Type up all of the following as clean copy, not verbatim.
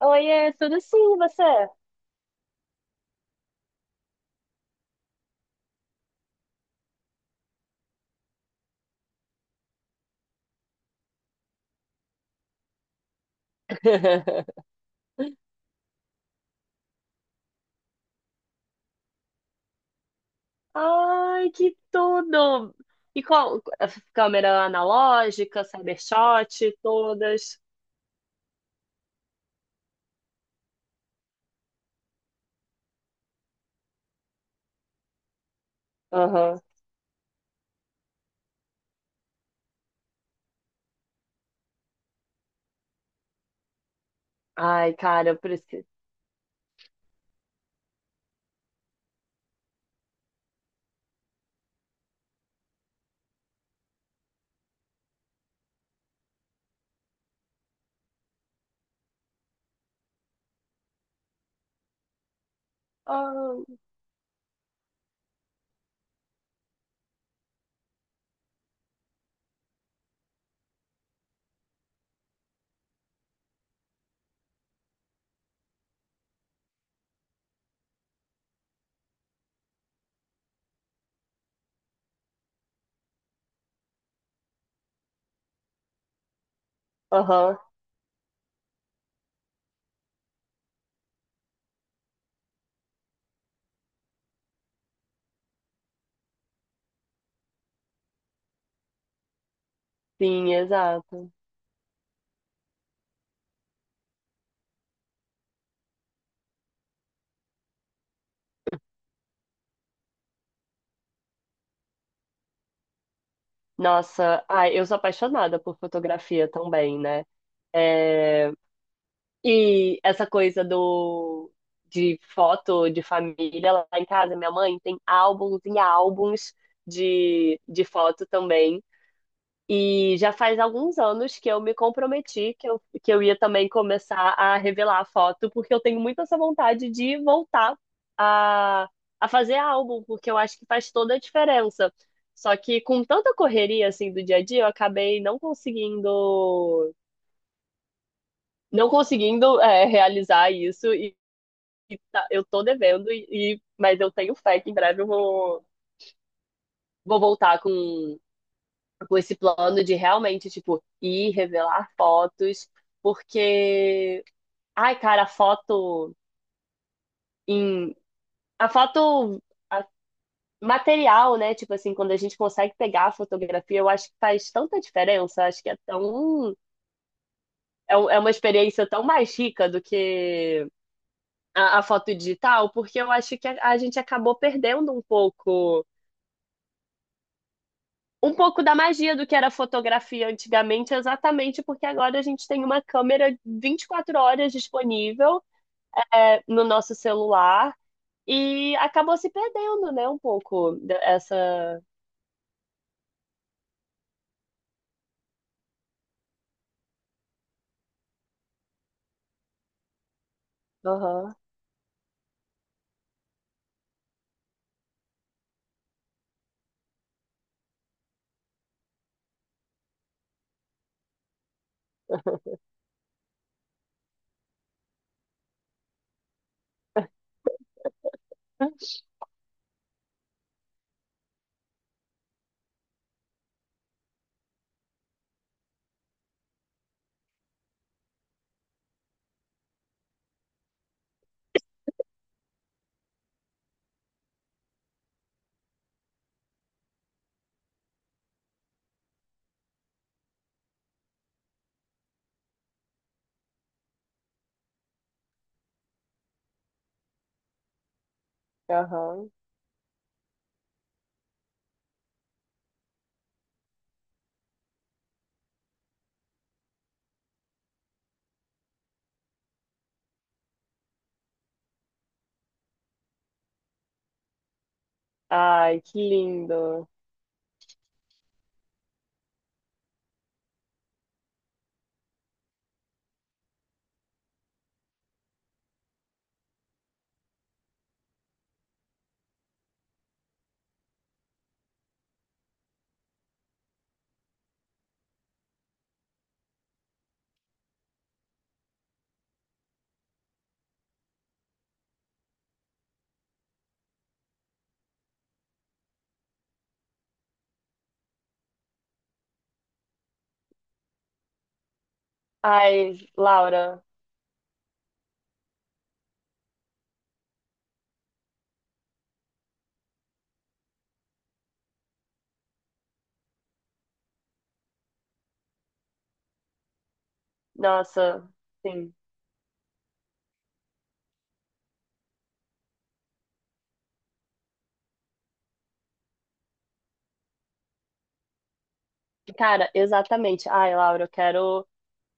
Oiê, tudo sim, e você? Ai, que tudo! E qual? Câmera analógica, Cybershot, todas. Aham. Ai, cara, eu preciso. Ah. Aham. Sim, exato. Nossa, ai, eu sou apaixonada por fotografia também, né? É. E essa coisa do de foto de família lá em casa, minha mãe tem álbuns e álbuns de foto também. E já faz alguns anos que eu me comprometi que eu ia também começar a revelar a foto, porque eu tenho muito essa vontade de voltar a, a fazer álbum, porque eu acho que faz toda a diferença. Só que com tanta correria assim do dia a dia, eu acabei não conseguindo, realizar isso, eu tô devendo, mas eu tenho fé que em breve eu vou, vou voltar com esse plano de realmente, tipo, ir revelar fotos, porque, ai, cara, a foto em. A foto a- material, né? Tipo assim, quando a gente consegue pegar a fotografia, eu acho que faz tanta diferença. Acho que é tão. É uma experiência tão mais rica do que a foto digital, porque eu acho que a gente acabou perdendo um pouco da magia do que era fotografia antigamente, exatamente porque agora a gente tem uma câmera 24 horas disponível, no nosso celular, e acabou se perdendo, né, um pouco dessa. Aham. Aham. Ai, que lindo. Ai, Laura. Nossa, sim. Cara, exatamente. Ai, Laura, eu quero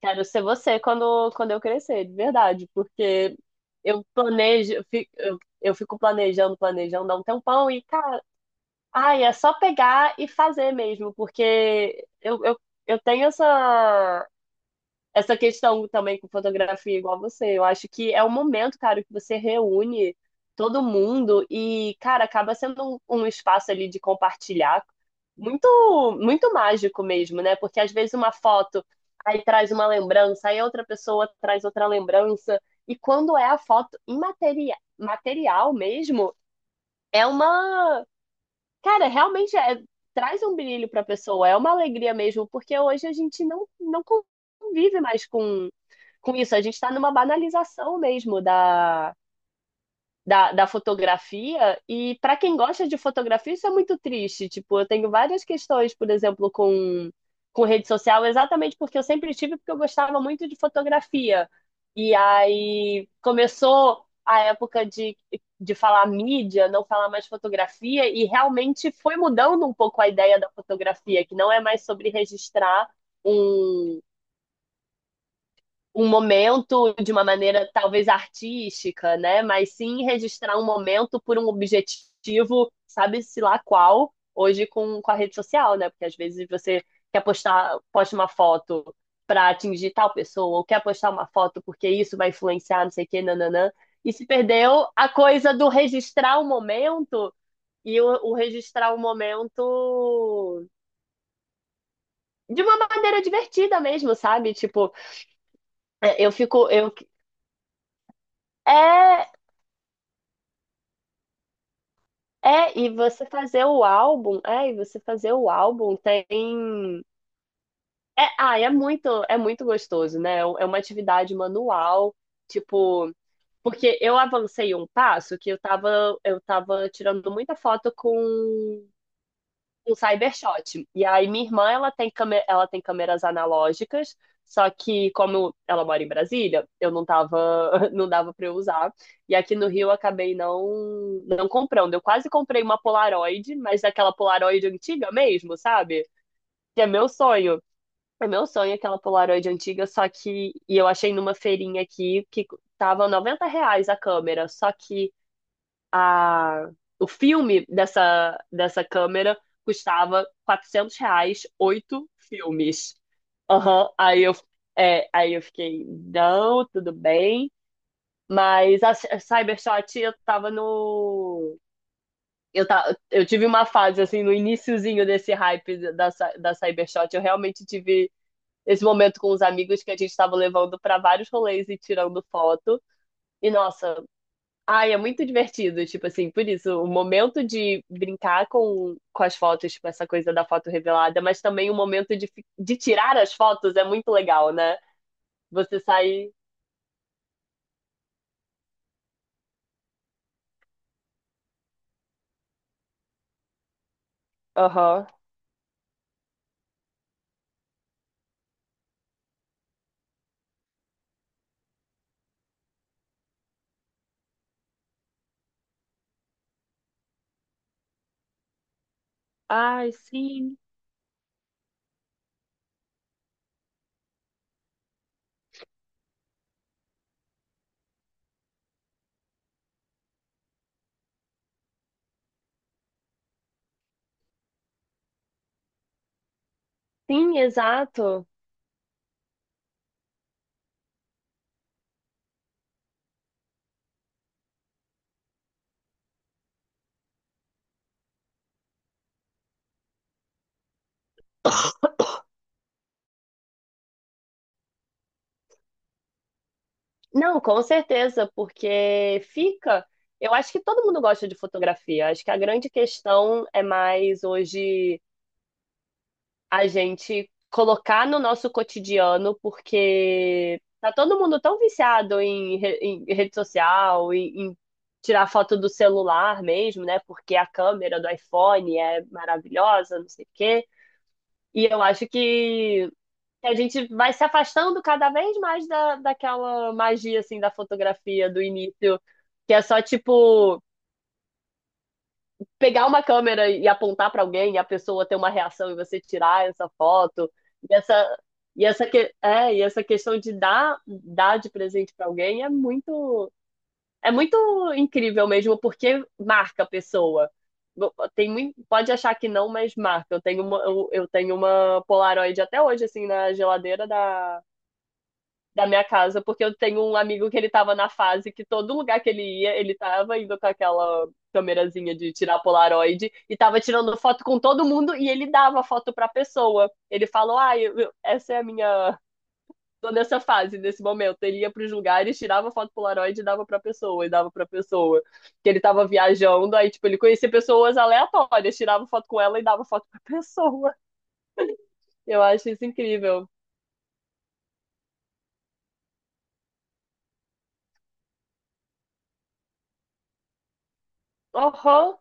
Quero ser você quando eu crescer, de verdade, porque eu planejo, eu fico, eu fico planejando, planejando há um tempão e, cara, ai, é só pegar e fazer mesmo, porque eu tenho essa questão também com fotografia igual você. Eu acho que é um momento, cara, que você reúne todo mundo e, cara, acaba sendo um, espaço ali de compartilhar muito, muito mágico mesmo, né? Porque às vezes uma foto aí traz uma lembrança, aí outra pessoa traz outra lembrança. E quando é a foto imaterial, material mesmo, é uma cara, realmente, traz um brilho para a pessoa, é uma alegria mesmo, porque hoje a gente não convive mais com, isso. A gente está numa banalização mesmo da, da fotografia, e para quem gosta de fotografia, isso é muito triste. Tipo, eu tenho várias questões, por exemplo, com, rede social, exatamente porque eu sempre tive, porque eu gostava muito de fotografia. E aí começou a época de falar mídia, não falar mais fotografia, e realmente foi mudando um pouco a ideia da fotografia, que não é mais sobre registrar um um momento de uma maneira talvez artística, né? Mas sim registrar um momento por um objetivo, sabe-se lá qual, hoje com a rede social, né? Porque às vezes você quer postar, posta uma foto para atingir tal pessoa, ou quer postar uma foto porque isso vai influenciar, não sei o quê, nananã. E se perdeu a coisa do registrar o momento e o registrar o momento de uma maneira divertida mesmo, sabe? Tipo, eu fico. É, É, e você fazer o álbum, é, e você fazer o álbum tem. É, ah, é muito gostoso, né? É uma atividade manual, tipo, porque eu avancei um passo que eu tava tirando muita foto com um Cybershot. E aí minha irmã, ela tem câmera, ela tem câmeras analógicas, só que como ela mora em Brasília, eu não tava, não dava para eu usar. E aqui no Rio eu acabei não comprando. Eu quase comprei uma Polaroid, mas aquela Polaroid antiga mesmo, sabe? Que é meu sonho. É meu sonho aquela Polaroid antiga, só que e eu achei numa feirinha aqui que tava R$ 90 a câmera, só que a, o filme dessa câmera custava R$ 400, oito filmes. Aham. Aí eu fiquei, não, tudo bem. Mas a Cybershot, eu tava no. Eu tive uma fase, assim, no iniciozinho desse hype da Cybershot. Eu realmente tive esse momento com os amigos que a gente tava levando pra vários rolês e tirando foto. E, nossa. Ai, é muito divertido, tipo assim, por isso, o momento de brincar com, as fotos, tipo, essa coisa da foto revelada, mas também o momento de tirar as fotos é muito legal, né? Você sair. Aham. Ai, sim. Sim, exato. Não, com certeza, porque fica. Eu acho que todo mundo gosta de fotografia. Acho que a grande questão é mais hoje. A gente colocar no nosso cotidiano, porque tá todo mundo tão viciado em rede social, em tirar foto do celular mesmo, né? Porque a câmera do iPhone é maravilhosa, não sei o quê. E eu acho que a gente vai se afastando cada vez mais daquela magia, assim, da fotografia do início, que é só tipo pegar uma câmera e apontar para alguém e a pessoa ter uma reação e você tirar essa foto, e essa questão de dar de presente para alguém é muito incrível mesmo, porque marca a pessoa. Pode achar que não, mas marca. Eu tenho uma Polaroid até hoje assim na geladeira da minha casa, porque eu tenho um amigo que ele tava na fase que todo lugar que ele ia, ele tava indo com aquela câmerazinha de tirar polaroid e tava tirando foto com todo mundo, e ele dava foto pra pessoa. Ele falou: "Ah, essa é a minha, tô nessa fase, nesse momento". Ele ia pros lugares, tirava foto polaroid e dava pra pessoa, e dava pra pessoa. Que ele tava viajando, aí tipo, ele conhecia pessoas aleatórias, tirava foto com ela e dava foto pra pessoa. Eu acho isso incrível. Aham,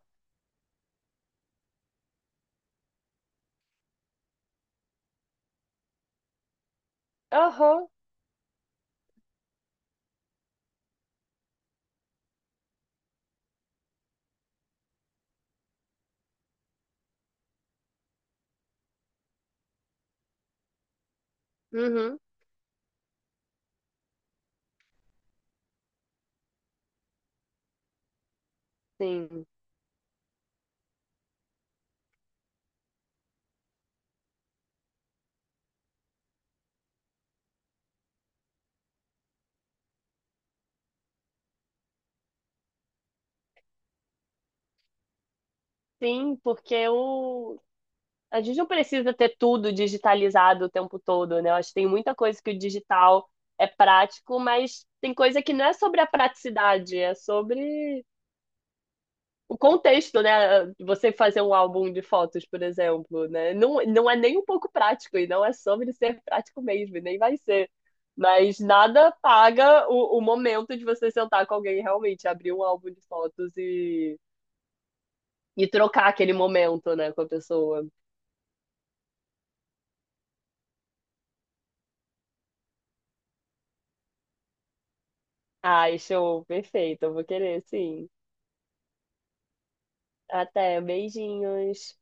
aham. Uhum, sim. Sim, porque o... A gente não precisa ter tudo digitalizado o tempo todo, né? Eu acho que tem muita coisa que o digital é prático, mas tem coisa que não é sobre a praticidade, é sobre o contexto, né? Você fazer um álbum de fotos, por exemplo, né? Não, não é nem um pouco prático, e não é sobre ser prático mesmo, e nem vai ser. Mas nada paga o momento de você sentar com alguém e realmente abrir um álbum de fotos e, trocar aquele momento, né, com a pessoa. Ai, show, perfeito. Eu vou querer, sim. Até, beijinhos.